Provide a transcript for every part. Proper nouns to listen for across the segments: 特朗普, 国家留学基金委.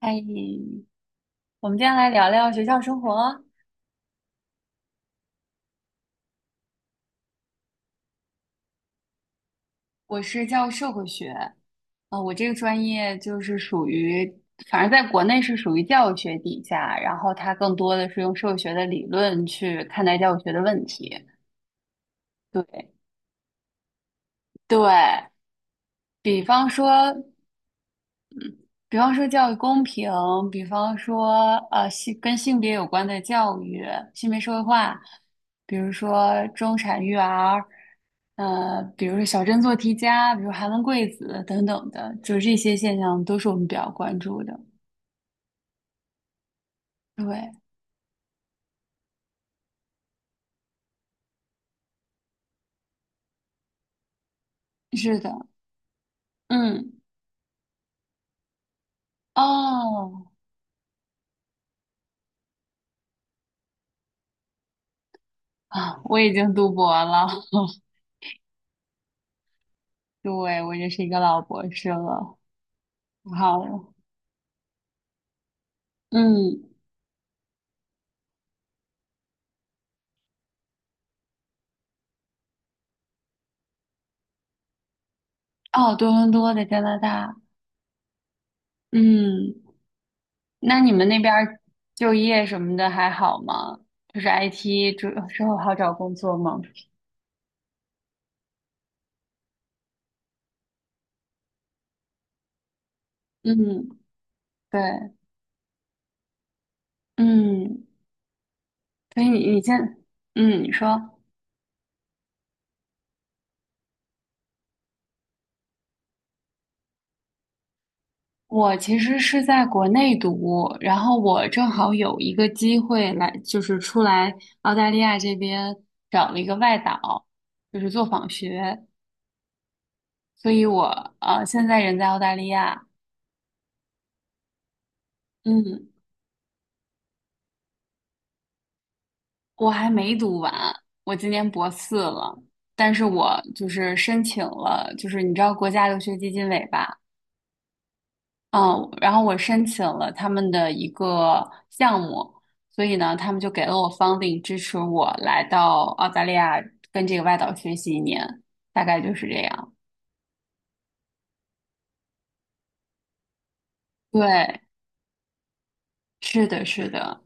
嗨，我们今天来聊聊学校生活。我是教社会学，我这个专业就是属于，反正在国内是属于教育学底下，然后它更多的是用社会学的理论去看待教育学的问题。对对，比方说。比方说教育公平，比方说性跟性别有关的教育、性别社会化，比如说中产育儿，比如说小镇做题家，比如寒门贵子等等的，就是这些现象都是我们比较关注的。对，是的，嗯，哦，啊，我已经读博了，对，我已经是一个老博士了，好了，嗯，哦，多伦多在加拿大，嗯。那你们那边儿就业什么的还好吗？就是 IT 之后好找工作吗？嗯，对，嗯，所以你你现，嗯，你说我其实是在国内读，然后我正好有一个机会来，就是出来澳大利亚这边找了一个外导，就是做访学，所以我现在人在澳大利亚，嗯，我还没读完，我今年博四了，但是我就是申请了，就是你知道国家留学基金委吧？嗯，然后我申请了他们的一个项目，所以呢，他们就给了我 funding 支持我来到澳大利亚跟这个外导学习1年，大概就是这样。对，是的，是的。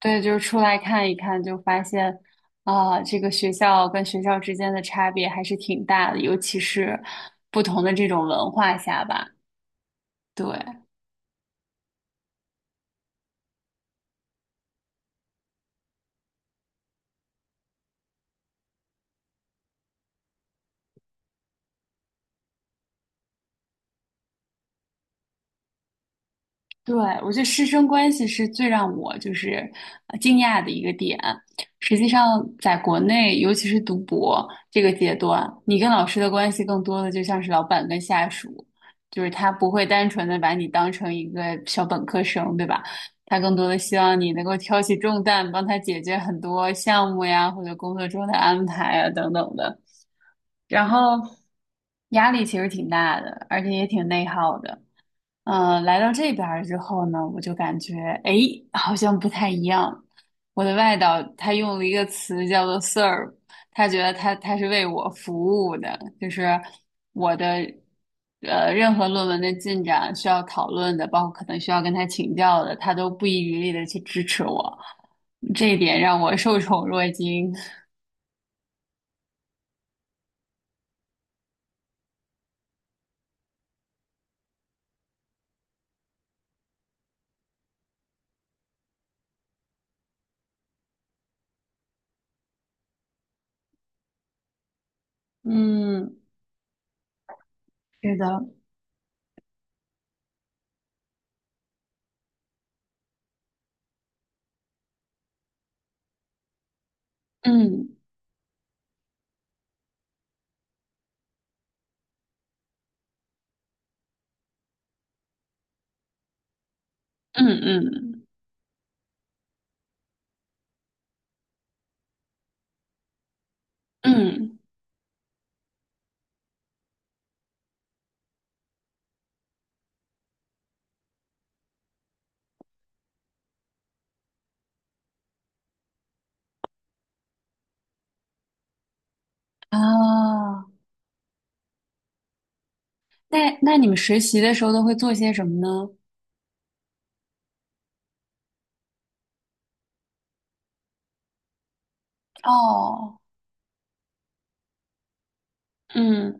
对，就是出来看一看，就发现啊，这个学校跟学校之间的差别还是挺大的，尤其是不同的这种文化下吧。对，对，我觉得师生关系是最让我就是惊讶的一个点。实际上，在国内，尤其是读博这个阶段，你跟老师的关系更多的就像是老板跟下属，就是他不会单纯的把你当成一个小本科生，对吧？他更多的希望你能够挑起重担，帮他解决很多项目呀，或者工作中的安排啊等等的。然后压力其实挺大的，而且也挺内耗的。来到这边儿之后呢，我就感觉，哎，好像不太一样。我的外导他用了一个词叫做 "serve",他觉得他是为我服务的，就是我的任何论文的进展需要讨论的，包括可能需要跟他请教的，他都不遗余力的去支持我，这一点让我受宠若惊。嗯，是的，嗯嗯嗯嗯啊。那你们实习的时候都会做些什么呢？哦，嗯，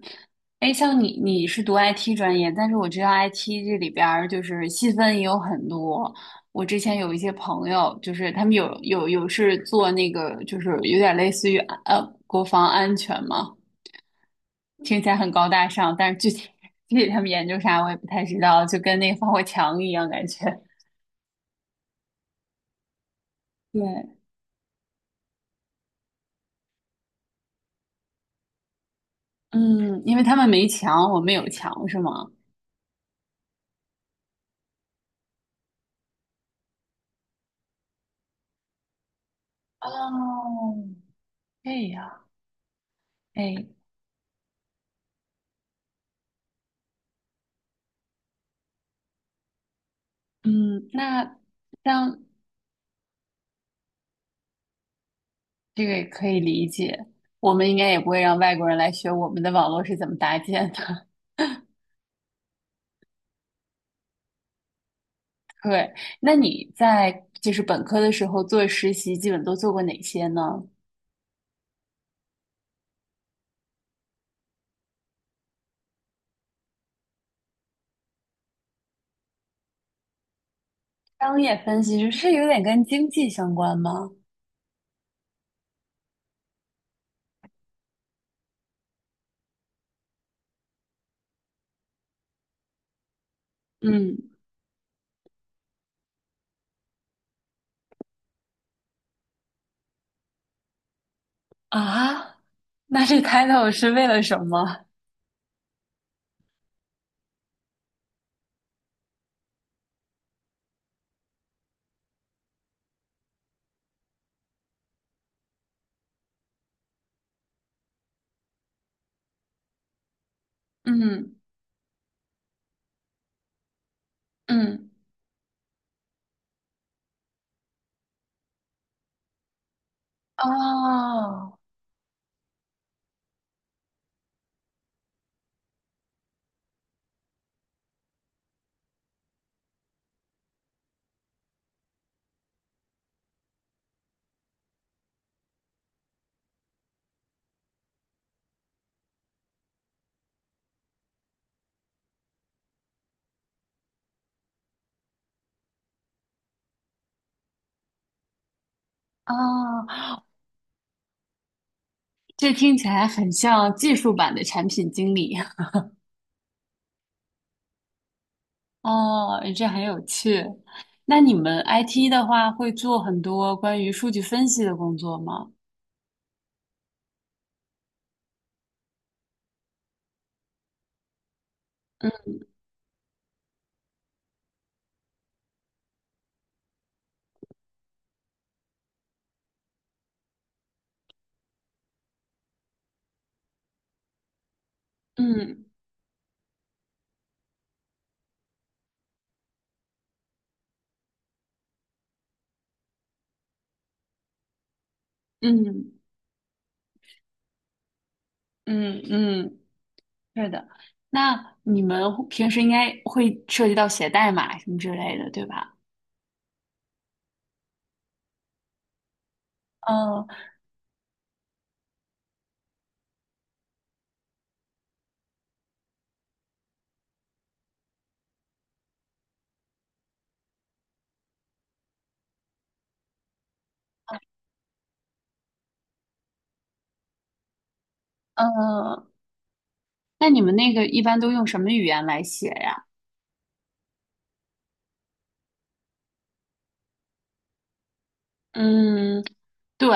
哎，像你是读 IT 专业，但是我知道 IT 这里边儿就是细分也有很多。我之前有一些朋友，就是他们有是做那个，就是有点类似于国防安全嘛，听起来很高大上，但是具体 具体他们研究啥我也不太知道，就跟那个防火墙一样感觉。对，嗯，因为他们没墙，我们有墙，是吗？哦，这样。哎，嗯，那像这个也可以理解，我们应该也不会让外国人来学我们的网络是怎么搭建的。对，那你在就是本科的时候做实习，基本都做过哪些呢？商业分析师是有点跟经济相关吗？嗯，啊，那这 title 是为了什么？嗯嗯，哦哦，这听起来很像技术版的产品经理。哦，这很有趣。那你们 IT 的话，会做很多关于数据分析的工作吗？嗯嗯嗯嗯，是的。那你们会平时应该会涉及到写代码什么之类的，对吧？嗯嗯，呃那你们那个一般都用什么语言来写呀？嗯，对，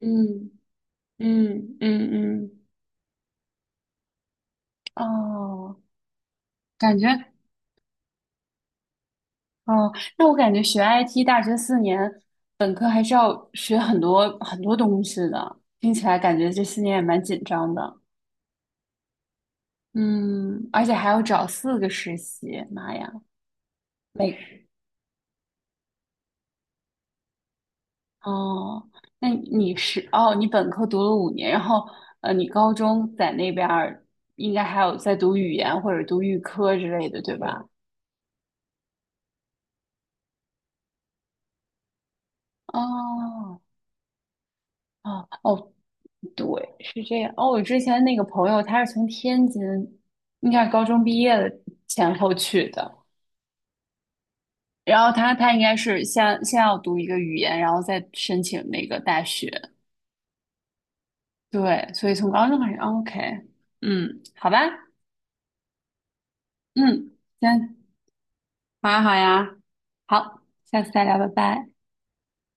嗯嗯嗯嗯，哦，感觉哦，那我感觉学 IT 大学四年。还是要学很多很多东西的，听起来感觉这四年也蛮紧张的。嗯，而且还要找4个实习，妈呀，累！哦，那你是哦，你本科读了5年，然后你高中在那边儿应该还有在读语言或者读预科之类的，对吧？哦哦哦，对，是这样。哦，我之前那个朋友他是从天津，应该是高中毕业的前后去的。然后他应该是先要读一个语言，然后再申请那个大学。对，所以从高中开始哦，OK,嗯，好吧，嗯，行，好呀，好呀，好，下次再聊，拜拜。